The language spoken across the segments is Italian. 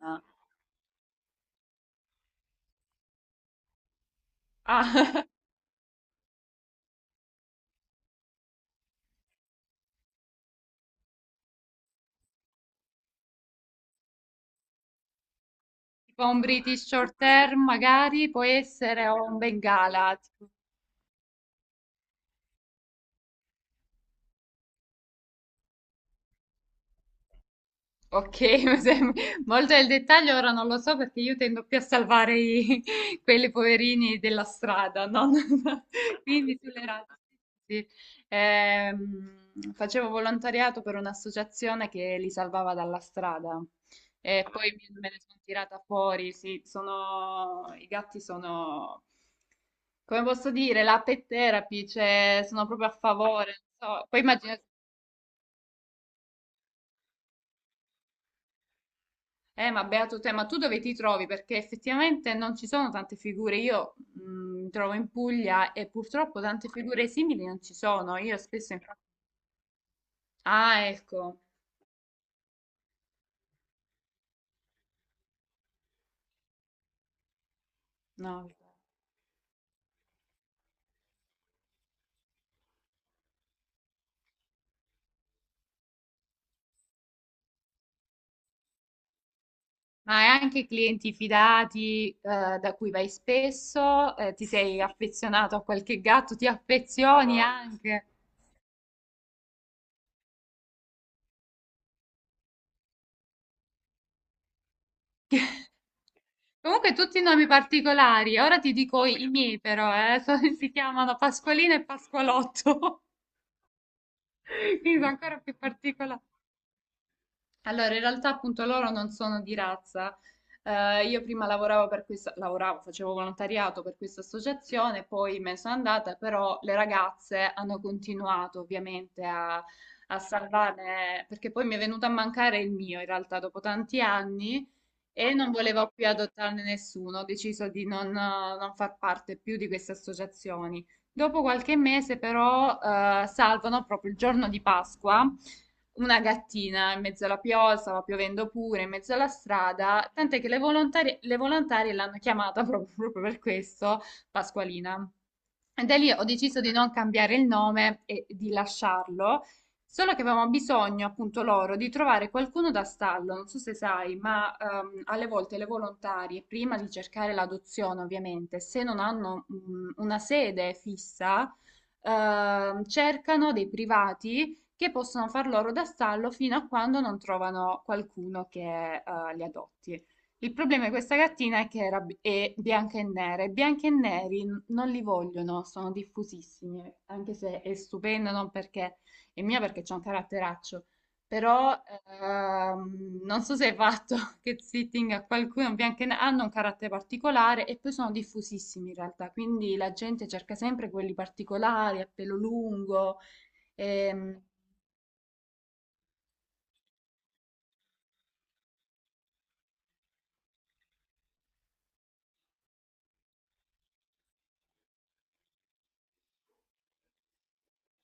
Ah, tipo un British Short Hair magari, può essere o un Bengala, tipo. Ok, molto nel dettaglio ora non lo so perché io tendo più a salvare quelli poverini della strada, no? Quindi sulle razze. Sì. Facevo volontariato per un'associazione che li salvava dalla strada e poi me ne sono tirata fuori. Sì, sono, i gatti sono, come posso dire, la pet therapy, cioè sono proprio a favore. Non so. Poi immagino. Ma beato te, ma tu dove ti trovi? Perché effettivamente non ci sono tante figure. Io mi trovo in Puglia e purtroppo tante figure simili non ci sono. Io spesso. Ah, ecco. No. Ma hai anche clienti fidati, da cui vai spesso? Ti sei affezionato a qualche gatto? Ti affezioni? Ah, anche? Comunque tutti nomi particolari. Ora ti dico i miei però, eh. Si chiamano Pasqualina e Pasqualotto. Quindi sono ancora più particolari. Allora, in realtà appunto loro non sono di razza. Io prima lavoravo per questa, lavoravo, facevo volontariato per questa associazione, poi me ne sono andata, però le ragazze hanno continuato ovviamente a salvarne, perché poi mi è venuto a mancare il mio in realtà dopo tanti anni e non voleva più adottarne nessuno, ho deciso di non far parte più di queste associazioni. Dopo qualche mese, però, salvano proprio il giorno di Pasqua una gattina in mezzo alla pioggia, stava piovendo pure, in mezzo alla strada, tant'è che le volontarie l'hanno chiamata proprio proprio per questo Pasqualina. E da lì ho deciso di non cambiare il nome e di lasciarlo, solo che avevamo bisogno, appunto, loro di trovare qualcuno da stallo. Non so se sai, ma alle volte le volontarie, prima di cercare l'adozione, ovviamente, se non hanno una sede fissa, cercano dei privati che possono far loro da stallo fino a quando non trovano qualcuno che li adotti. Il problema di questa cartina è che è bianca e nera e bianchi e neri non li vogliono, sono diffusissimi, anche se è stupenda, non perché è mia perché c'è un caratteraccio, però non so se hai fatto che sitting a qualcuno bianco e nero, hanno un carattere particolare e poi sono diffusissimi in realtà, quindi la gente cerca sempre quelli particolari a pelo lungo, ehm,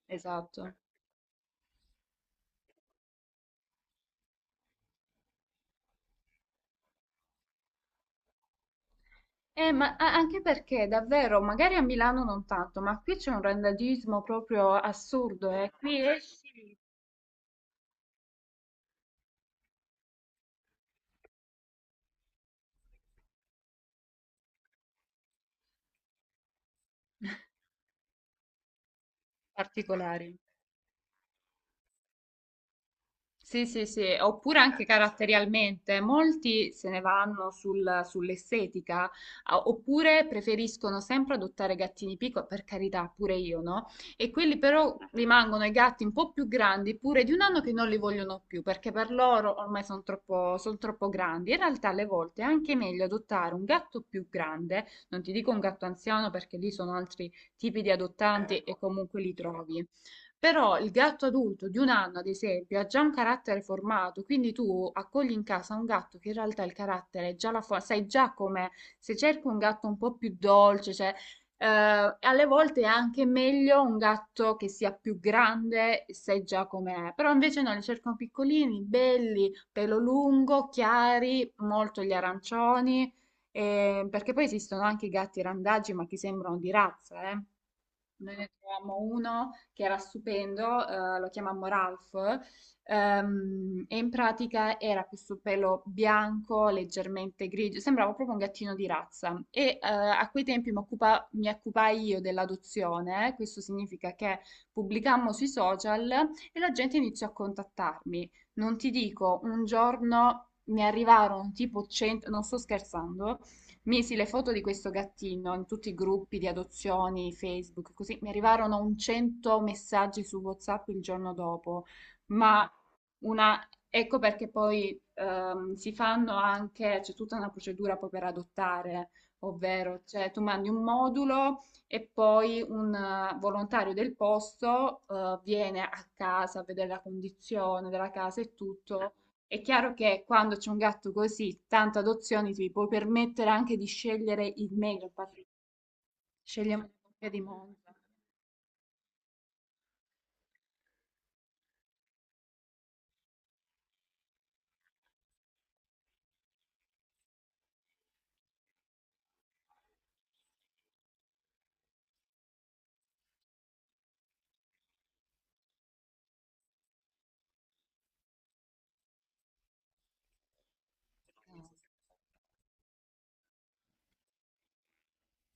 esatto. Ma anche perché davvero, magari a Milano non tanto, ma qui c'è un randagismo proprio assurdo, eh. Qui particolari. Sì, sì, sì, oppure anche caratterialmente, molti se ne vanno sull'estetica, oppure preferiscono sempre adottare gattini piccoli, per carità, pure io, no? E quelli però rimangono i gatti un po' più grandi, pure di un anno che non li vogliono più, perché per loro ormai sono troppo, son troppo grandi. In realtà alle volte è anche meglio adottare un gatto più grande, non ti dico un gatto anziano perché lì sono altri tipi di adottanti e comunque li trovi. Però il gatto adulto di un anno, ad esempio, ha già un carattere formato, quindi tu accogli in casa un gatto che in realtà il carattere è già la forma, sai già com'è. Se cerchi un gatto un po' più dolce, cioè, alle volte è anche meglio un gatto che sia più grande, sai già com'è. Però invece no, li cercano piccolini, belli, pelo lungo, chiari, molto gli arancioni, perché poi esistono anche i gatti randagi, ma che sembrano di razza, eh. Noi ne trovammo uno che era stupendo, lo chiamammo Ralph, e in pratica era questo pelo bianco, leggermente grigio, sembrava proprio un gattino di razza. E a quei tempi mi occupai io dell'adozione, questo significa che pubblicammo sui social e la gente iniziò a contattarmi. Non ti dico, un giorno mi arrivarono tipo 100, non sto scherzando. Misi le foto di questo gattino in tutti i gruppi di adozioni, Facebook, così mi arrivarono un 100 messaggi su WhatsApp il giorno dopo, ma una, ecco perché poi si fanno anche, c'è tutta una procedura poi per adottare, ovvero cioè, tu mandi un modulo e poi un volontario del posto viene a casa a vedere la condizione della casa e tutto. È chiaro che quando c'è un gatto così, tante adozioni, ti puoi permettere anche di scegliere il meglio, infatti scegliamo la coppia di Monza.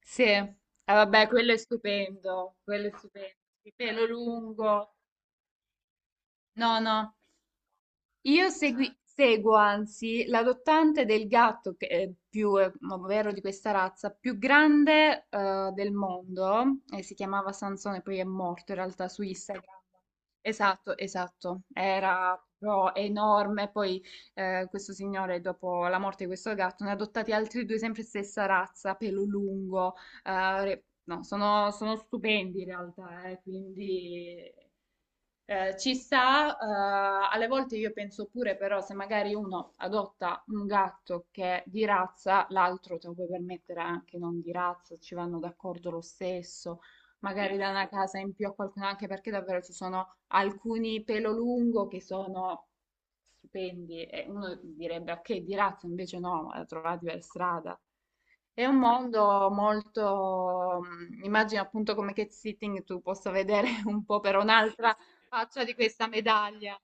Sì, ah, vabbè, quello è stupendo, il pelo lungo. No, no, io seguo anzi l'adottante del gatto che è più, ovvero di questa razza, più grande del mondo, e si chiamava Sansone, poi è morto in realtà su Instagram. Esatto, esatto, era proprio enorme, poi questo signore dopo la morte di questo gatto ne ha adottati altri due, sempre stessa razza, pelo lungo, no, sono stupendi in realtà, quindi ci sta, alle volte io penso pure però se magari uno adotta un gatto che è di razza, l'altro te lo puoi permettere anche non di razza, ci vanno d'accordo lo stesso, magari da una casa in più a qualcuno, anche perché davvero ci sono alcuni pelo lungo che sono stupendi e uno direbbe ok di razza, invece no, la trovati per strada. È un mondo molto, immagino appunto come cat sitting tu possa vedere un po' per un'altra faccia di questa medaglia.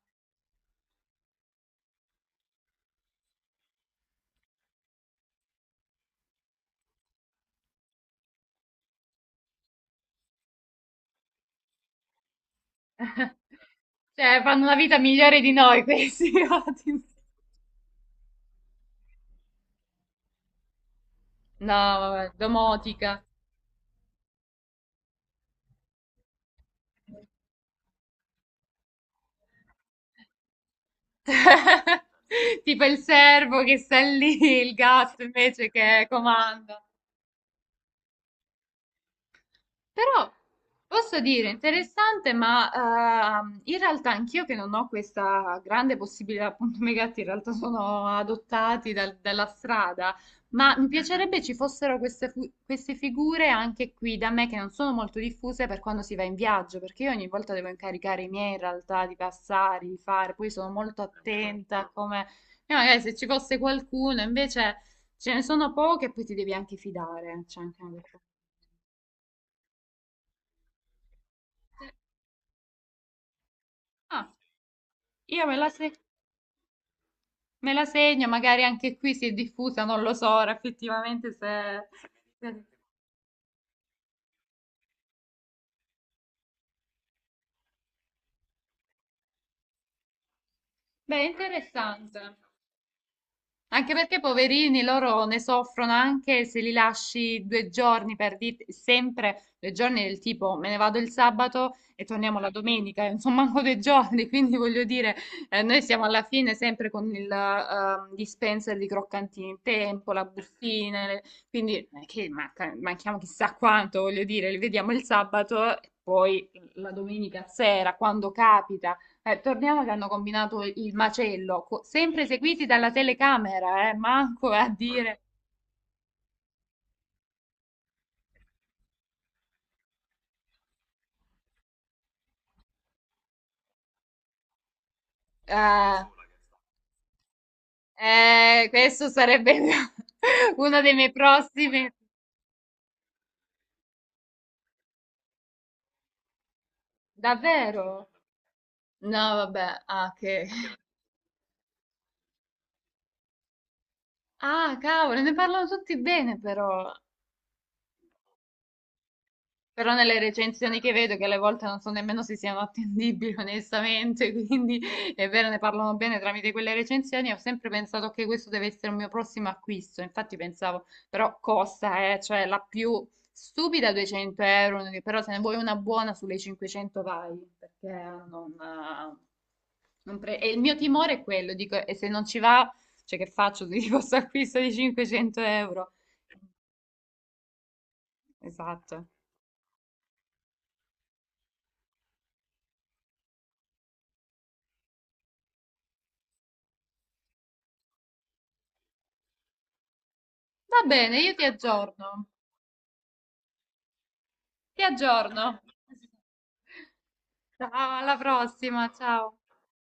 Cioè, fanno una vita migliore di noi questi ottimi. No, vabbè, domotica. Tipo il servo che sta lì, il gatto invece che comanda. Però posso dire interessante, ma in realtà anch'io che non ho questa grande possibilità, appunto i miei gatti in realtà sono adottati dalla strada, ma mi piacerebbe ci fossero queste figure anche qui da me che non sono molto diffuse per quando si va in viaggio, perché io ogni volta devo incaricare i miei in realtà di passare, di fare, poi sono molto attenta a come. E magari se ci fosse qualcuno invece. Ce ne sono poche e poi ti devi anche fidare. C'è anche una cosa. Ah, io me la, se- me la segno, magari anche qui si è diffusa, non lo so ora effettivamente se. se- Beh, interessante. Anche perché poverini loro ne soffrono anche se li lasci 2 giorni per dire sempre 2 giorni del tipo me ne vado il sabato e torniamo la domenica, insomma manco 2 giorni, quindi voglio dire noi siamo alla fine sempre con il dispenser di croccantini in tempo, la bustina, quindi non è che manchiamo chissà quanto, voglio dire, li vediamo il sabato e poi la domenica sera quando capita torniamo che hanno combinato il macello, sempre seguiti dalla telecamera, manco a dire. eh, questo sarebbe uno dei miei prossimi. Davvero? No, vabbè, ah, che. Ah, cavolo, ne parlano tutti bene però. Però nelle recensioni che vedo, che alle volte non so nemmeno se siano attendibili onestamente, quindi è vero, ne parlano bene tramite quelle recensioni, ho sempre pensato che questo deve essere un mio prossimo acquisto, infatti pensavo, però costa, cioè la più stupida 200 euro, però se ne vuoi una buona sulle 500 vai, perché non. E il mio timore è quello, dico, e se non ci va, cioè che faccio di questo acquisto di 500 euro? Esatto. Va bene, io ti aggiorno. Ti aggiorno. Ciao, alla prossima, ciao.